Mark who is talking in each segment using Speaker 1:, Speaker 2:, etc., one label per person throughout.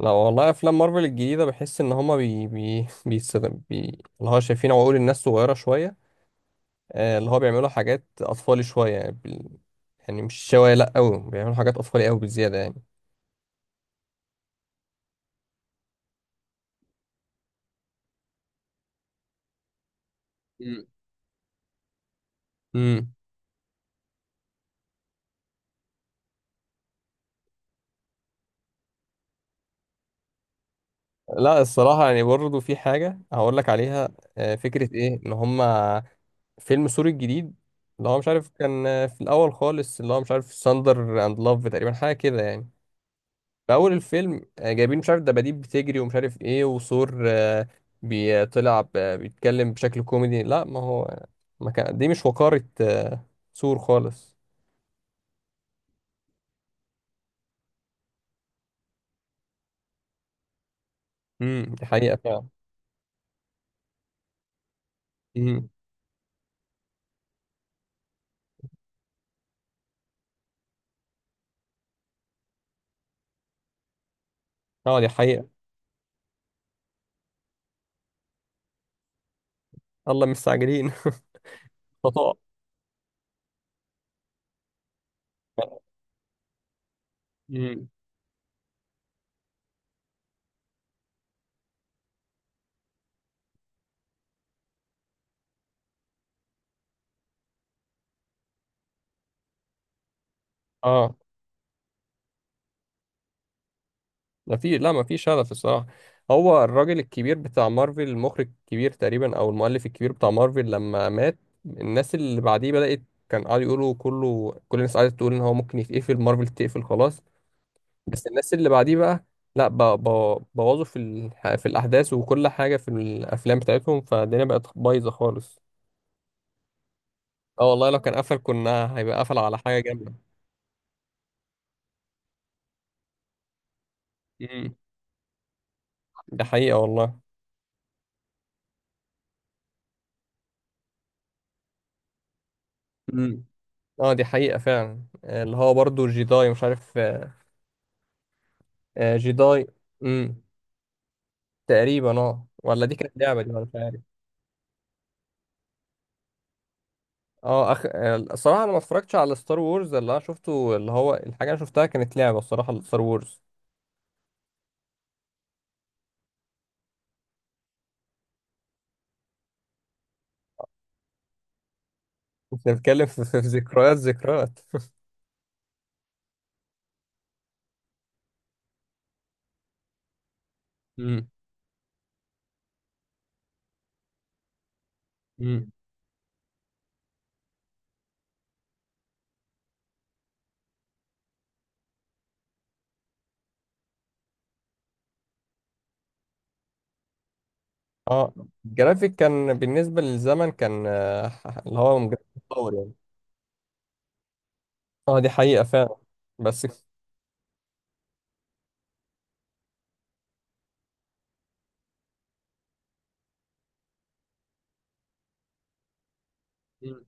Speaker 1: لا والله، افلام مارفل الجديده بحس ان هما بي بي بيستخدم بي اللي هو شايفين عقول الناس صغيره شويه. اللي هو بيعملوا حاجات اطفالي شويه يعني، يعني مش شويه، لا قوي، بيعملوا حاجات اطفالي قوي بالزياده يعني. مم. امم. لا الصراحه يعني برضه في حاجه هقول لك عليها. فكره ايه ان هما فيلم سوري الجديد، اللي هو مش عارف، كان في الاول خالص، اللي هو مش عارف ساندر اند لاف تقريبا، حاجه كده يعني. في اول الفيلم جايبين مش عارف دباديب بتجري ومش عارف ايه، وثور بيتكلم بشكل كوميدي، لا ما هو ما كان دي مش وقارة، ثور خالص. دي حقيقة فعلا. امم. اه دي حقيقة. الله مستعجلين. تطاع. امم. اه ما في، لا ما في شغف الصراحة. هو الراجل الكبير بتاع مارفل، المخرج الكبير تقريبا، او المؤلف الكبير بتاع مارفل لما مات، الناس اللي بعديه بدأت، كان قعدوا يقولوا كله، كل الناس قعدت تقول ان هو ممكن يتقفل مارفل، تقفل خلاص. بس الناس اللي بعديه بقى لا، بوظوا في الاحداث وكل حاجه في الافلام بتاعتهم، فالدنيا بقت بايظه خالص. اه والله لو كان قفل كنا هيبقى قفل على حاجه جامده. مم. ده حقيقه والله. مم. اه دي حقيقه فعلا. اللي هو برضو جيداي مش عارف، جيداي. امم. تقريبا اه، ولا دي كانت لعبه دي ولا مش عارف. اه أخ... آه، الصراحه انا ما اتفرجتش على ستار وورز، اللي انا شفته، اللي هو الحاجه اللي أنا شفتها كانت لعبه الصراحه ستار وورز. بنتكلم في في ذكريات ذكريات. مم. اه الجرافيك كان بالنسبة للزمن كان، اللي هو جرافيك متطور يعني. اه دي حقيقة فعلا. بس. مم.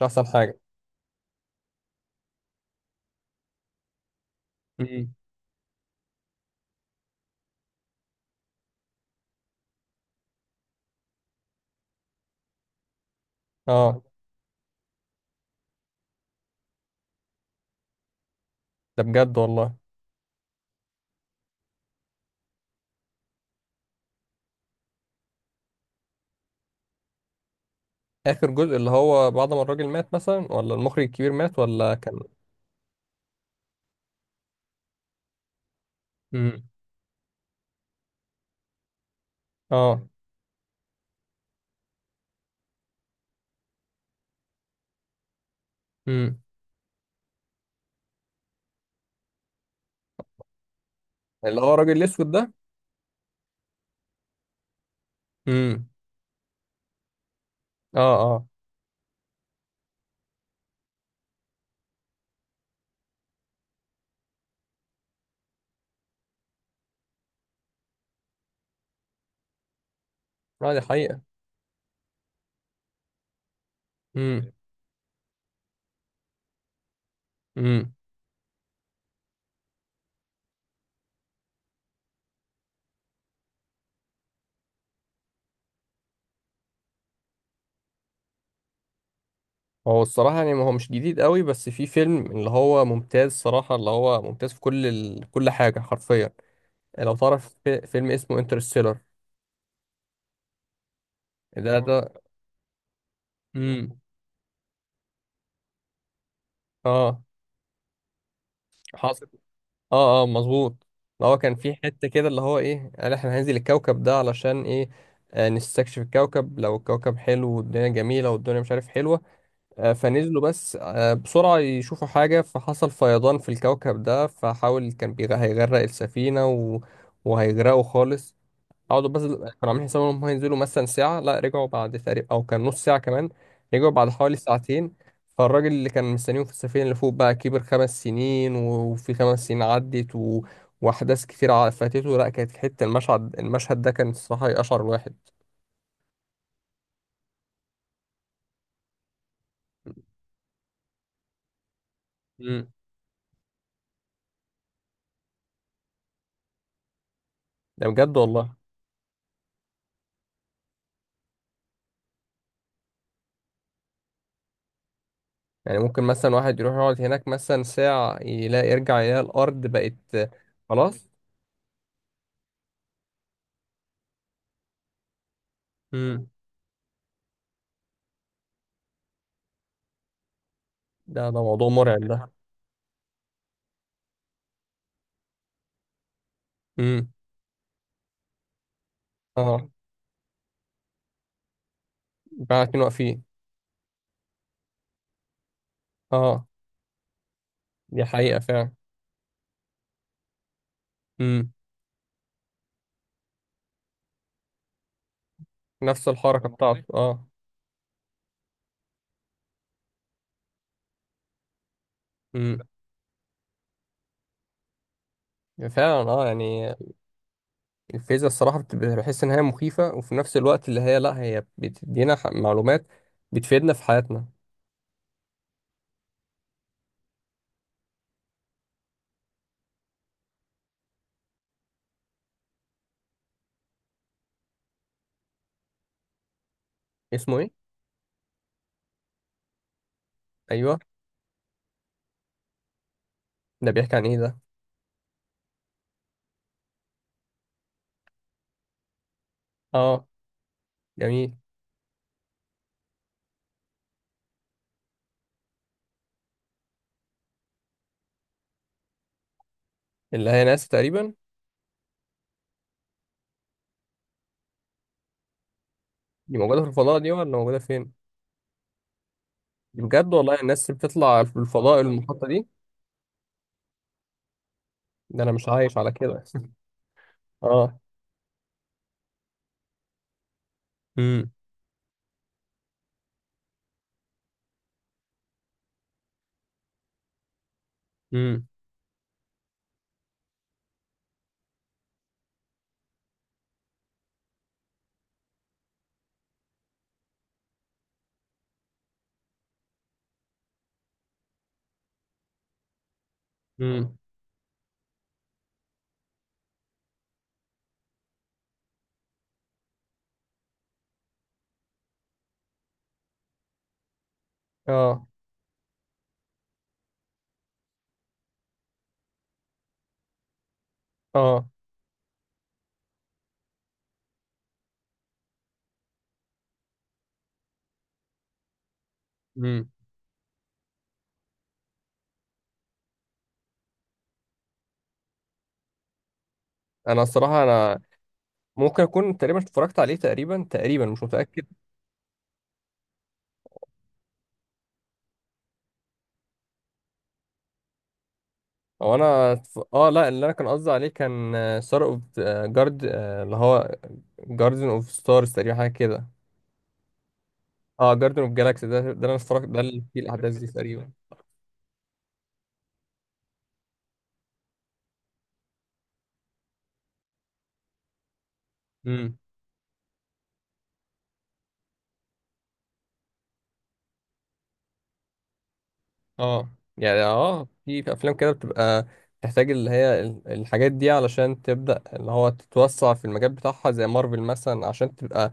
Speaker 1: مش أحسن حاجة. مم. اه. ده بجد والله. آخر جزء اللي هو بعد ما الراجل مات مثلا، ولا المخرج الكبير مات، ولا كان. مم. اه. مم. اللي هو الراجل الأسود ده. مم. اه. اه. اه دي حقيقة. امم. مم. هو الصراحة يعني ما هو مش جديد قوي، بس في فيلم اللي هو ممتاز صراحة، اللي هو ممتاز في كل كل حاجة حرفيا. لو تعرف في فيلم اسمه انترستيلر. ده اه ده. امم. اه. حاصل. اه اه مظبوط. ده هو كان في حتة كده اللي هو ايه، قال احنا هننزل الكوكب ده علشان ايه. آه نستكشف الكوكب، لو الكوكب حلو والدنيا جميلة والدنيا مش عارف حلوة. آه فنزلوا بس آه بسرعة يشوفوا حاجة، فحصل فيضان في الكوكب ده، فحاول كان هيغرق السفينة، وهيغرقوا خالص. قعدوا بس كانوا عاملين حسابهم ان هم هينزلوا مثلا ساعة، لا رجعوا بعد تقريبا او كان نص ساعة كمان، رجعوا بعد حوالي ساعتين. فالراجل اللي كان مستنيهم في السفينة اللي فوق بقى كبر 5 سنين وفي 5 سنين عدت، وأحداث كتير فاتته. لا كانت حتة، المشهد ده كان الصراحة يقشعر الواحد. امم. ده بجد والله. يعني ممكن مثلا واحد يروح يقعد هناك مثلا ساعة، يلاقي يرجع يلاقي الأرض بقت. خلاص. امم. ده ده موضوع مرعب ده. امم. اه بقى اتنين واقفين. اه دي حقيقة فعلا. امم. نفس الحركة، فاهم قصدي؟ بتاعته اه. امم. فعلا اه يعني الفيزياء الصراحة، بحس إن هي مخيفة، وفي نفس الوقت اللي هي لأ، هي بتدينا معلومات بتفيدنا في حياتنا. اسمه إيه؟ أيوه. ده بيحكي عن إيه ده؟ اه جميل. اللي هي ناس تقريبا. دي موجودة في الفضاء دي، ولا موجودة فين؟ دي بجد والله الناس اللي بتطلع في الفضاء المحطة دي. ده أنا مش عايش على كده. اه. امم. امم. امم. اه. اه. امم. أنا الصراحة أنا ممكن اكون تقريبا اتفرجت عليه، تقريبا مش متاكد. اه لا، اللي انا كان قصدي عليه كان ستار اوف جارد، اللي هو جاردن اوف ستارز تقريبا، حاجه كده. اه جاردن اوف جالاكسي ده انا اتفرجت، ده اللي فيه الاحداث دي تقريبا. امم. اه يعني اه في في افلام كده بتبقى تحتاج اللي هي الحاجات دي علشان تبدا، اللي هو تتوسع في المجال بتاعها زي مارفل مثلا، عشان تبقى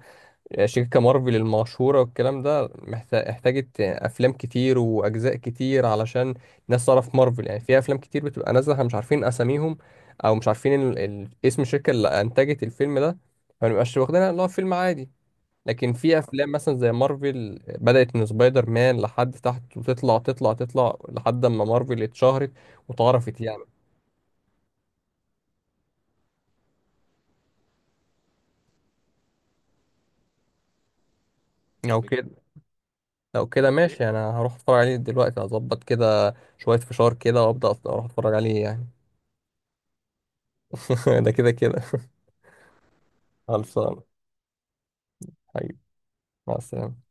Speaker 1: شركة مارفل المشهورة والكلام ده، محتاج احتاجت أفلام كتير وأجزاء كتير علشان الناس تعرف مارفل. يعني في أفلام كتير بتبقى نازلة احنا مش عارفين أساميهم، أو مش عارفين اسم الشركة اللي أنتجت الفيلم ده، فمنبقاش واخدينها اللي هو فيلم عادي. لكن في أفلام مثلا زي مارفل بدأت من سبايدر مان لحد تحت وتطلع تطلع تطلع لحد ما مارفل اتشهرت واتعرفت يعني. لو كده. لو كده ماشي، أنا هروح أتفرج عليه دلوقتي، هظبط كده شوية فشار كده وأبدأ أروح أتفرج عليه يعني. ده كده كده. خلصانة. حبيبي. مع السلامة.